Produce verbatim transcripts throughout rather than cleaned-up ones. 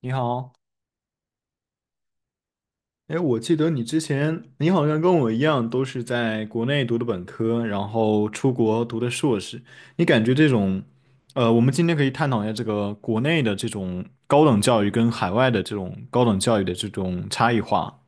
你好。哎，我记得你之前，你好像跟我一样，都是在国内读的本科，然后出国读的硕士。你感觉这种，呃，我们今天可以探讨一下这个国内的这种高等教育跟海外的这种高等教育的这种差异化。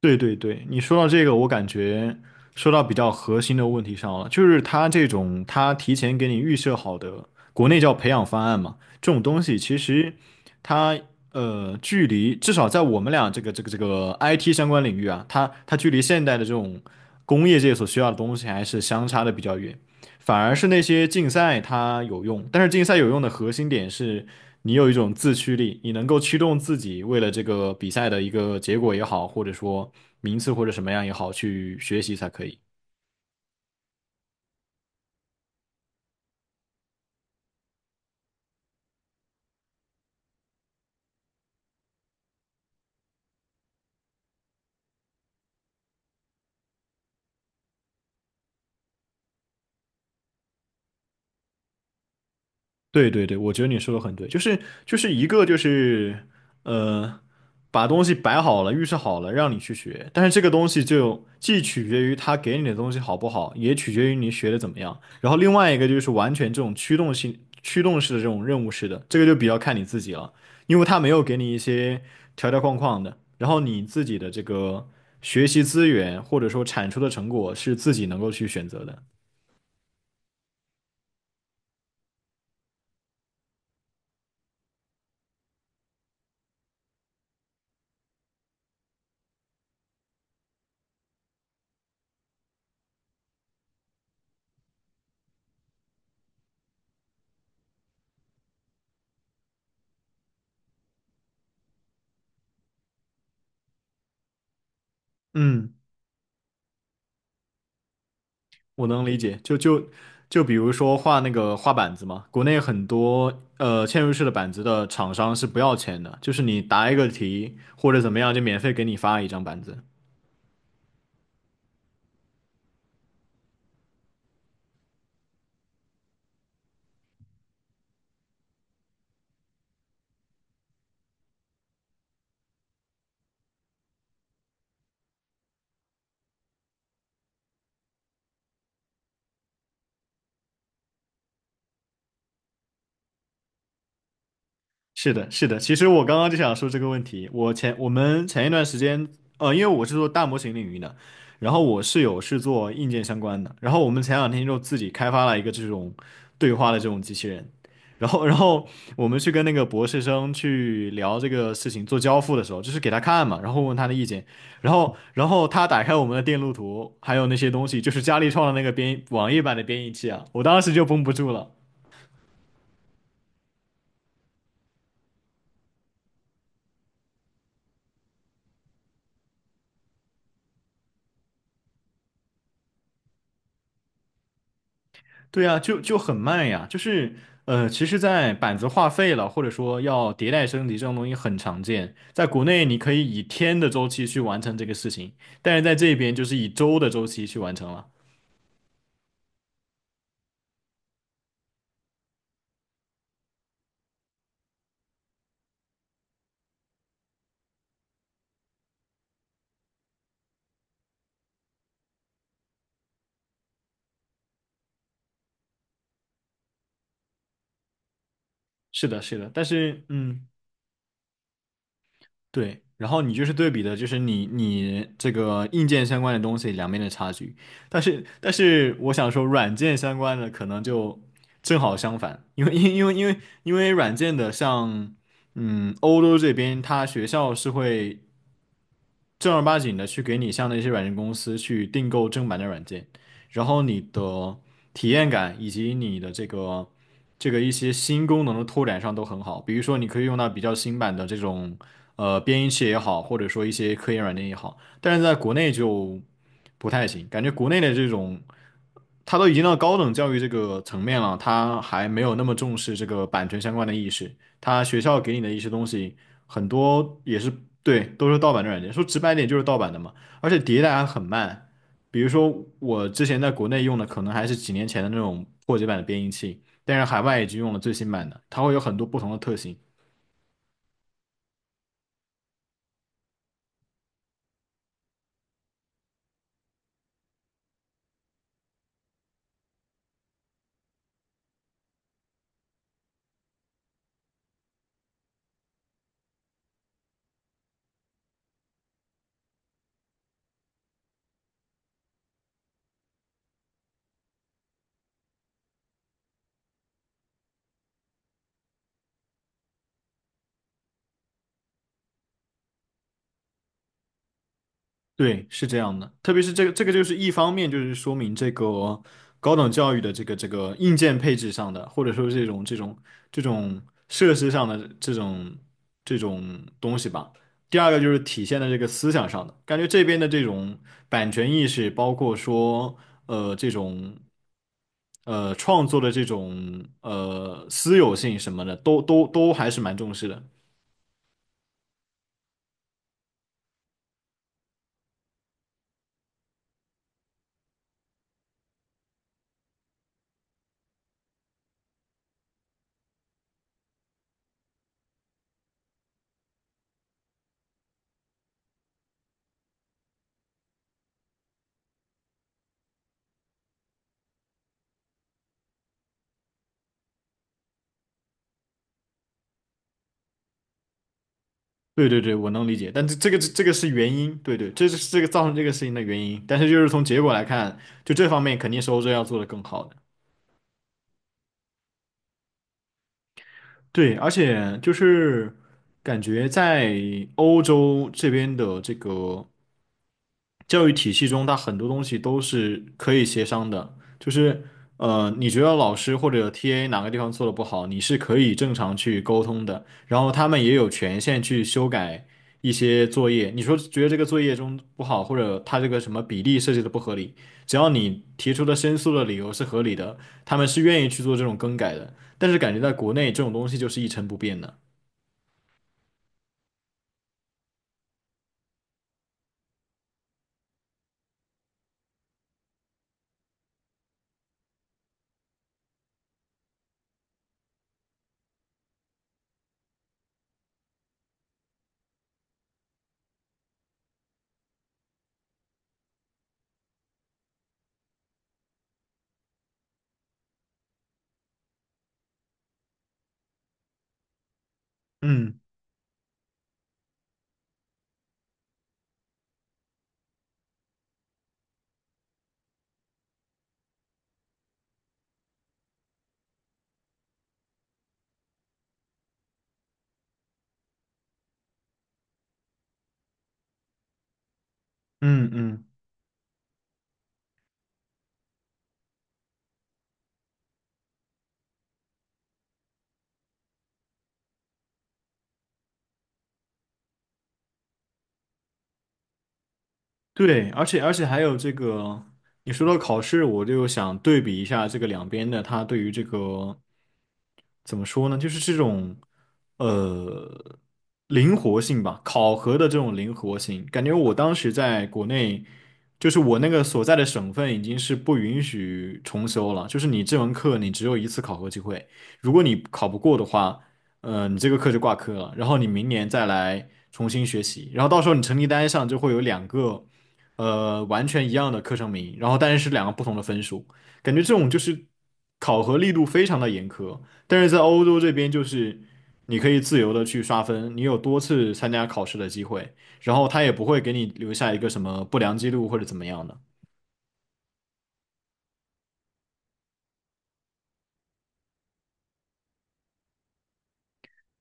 对对对，你说到这个，我感觉说到比较核心的问题上了，就是他这种他提前给你预设好的，国内叫培养方案嘛，这种东西其实它呃距离至少在我们俩这个这个这个 I T 相关领域啊，它它距离现代的这种工业界所需要的东西还是相差的比较远，反而是那些竞赛它有用，但是竞赛有用的核心点是你有一种自驱力，你能够驱动自己为了这个比赛的一个结果也好，或者说名次或者什么样也好，去学习才可以。对对对，我觉得你说的很对，就是就是一个就是呃，把东西摆好了，预设好了，让你去学，但是这个东西就既取决于他给你的东西好不好，也取决于你学的怎么样。然后另外一个就是完全这种驱动性、驱动式的这种任务式的，这个就比较看你自己了，因为他没有给你一些条条框框的，然后你自己的这个学习资源或者说产出的成果是自己能够去选择的。嗯。我能理解，就就就比如说画那个画板子嘛，国内很多呃嵌入式的板子的厂商是不要钱的，就是你答一个题或者怎么样，就免费给你发一张板子。是的，是的。其实我刚刚就想说这个问题。我前我们前一段时间，呃，因为我是做大模型领域的，然后我室友是做硬件相关的，然后我们前两天就自己开发了一个这种对话的这种机器人，然后然后我们去跟那个博士生去聊这个事情，做交付的时候，就是给他看嘛，然后问他的意见，然后然后他打开我们的电路图，还有那些东西，就是佳立创的那个编译网页版的编译器啊，我当时就绷不住了。对呀，就就很慢呀，就是呃，其实，在板子画废了，或者说要迭代升级这种东西很常见，在国内你可以以天的周期去完成这个事情，但是在这边就是以周的周期去完成了。是的，是的，但是嗯，对，然后你就是对比的，就是你你这个硬件相关的东西两边的差距，但是但是我想说，软件相关的可能就正好相反，因为因为因为因为因为软件的像嗯欧洲这边，它学校是会正儿八经的去给你像那些软件公司去订购正版的软件，然后你的体验感以及你的这个这个一些新功能的拓展上都很好。比如说，你可以用到比较新版的这种呃编译器也好，或者说一些科研软件也好，但是在国内就不太行，感觉国内的这种。他都已经到高等教育这个层面了，他还没有那么重视这个版权相关的意识。他学校给你的一些东西，很多也是对，都是盗版的软件。说直白点就是盗版的嘛，而且迭代还很慢。比如说我之前在国内用的，可能还是几年前的那种破解版的编译器，但是海外已经用了最新版的，它会有很多不同的特性。对，是这样的，特别是这个，这个就是一方面，就是说明这个高等教育的这个这个硬件配置上的，或者说这种这种这种设施上的这种这种东西吧。第二个就是体现在这个思想上的，感觉这边的这种版权意识，包括说呃这种呃创作的这种呃私有性什么的，都都都还是蛮重视的。对对对，我能理解，但这这个这个是原因，对对，这是这个造成这个事情的原因，但是就是从结果来看，就这方面肯定是欧洲要做的更好的。对，而且就是感觉在欧洲这边的这个教育体系中，它很多东西都是可以协商的，就是呃，你觉得老师或者 T A 哪个地方做的不好，你是可以正常去沟通的，然后他们也有权限去修改一些作业。你说觉得这个作业中不好，或者他这个什么比例设计的不合理，只要你提出的申诉的理由是合理的，他们是愿意去做这种更改的。但是感觉在国内这种东西就是一成不变的。嗯嗯嗯。对，而且而且还有这个，你说到考试，我就想对比一下这个两边的，他对于这个。怎么说呢？就是这种呃灵活性吧，考核的这种灵活性，感觉我当时在国内，就是我那个所在的省份已经是不允许重修了，就是你这门课你只有一次考核机会，如果你考不过的话，呃，你这个课就挂科了，然后你明年再来重新学习，然后到时候你成绩单上就会有两个呃完全一样的课程名，然后但是是两个不同的分数，感觉这种就是考核力度非常的严苛。但是在欧洲这边，就是你可以自由的去刷分，你有多次参加考试的机会，然后他也不会给你留下一个什么不良记录或者怎么样的。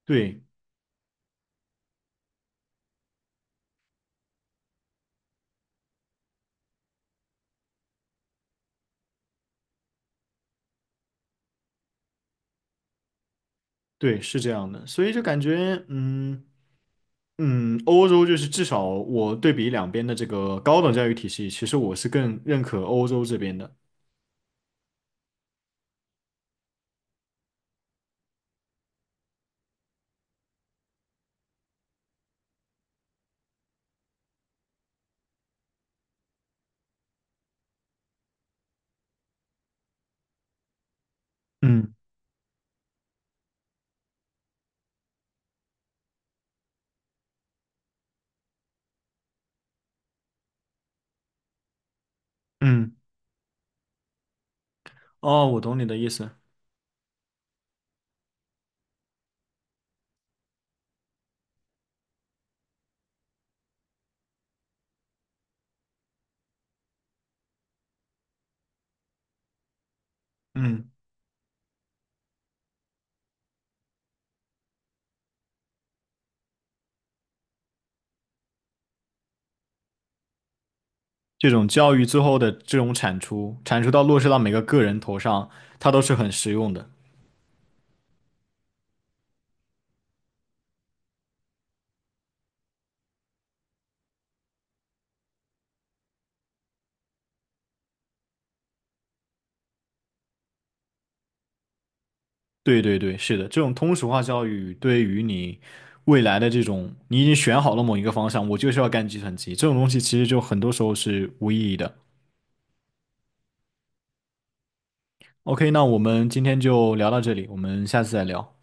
对对，是这样的，所以就感觉，嗯嗯，欧洲就是至少我对比两边的这个高等教育体系，其实我是更认可欧洲这边的。嗯嗯，哦，我懂你的意思。嗯，这种教育最后的这种产出，产出到落实到每个个人头上，它都是很实用的。对对对，是的，这种通俗化教育对于你未来的这种，你已经选好了某一个方向，我就是要干计算机，这种东西其实就很多时候是无意义的。OK，那我们今天就聊到这里，我们下次再聊。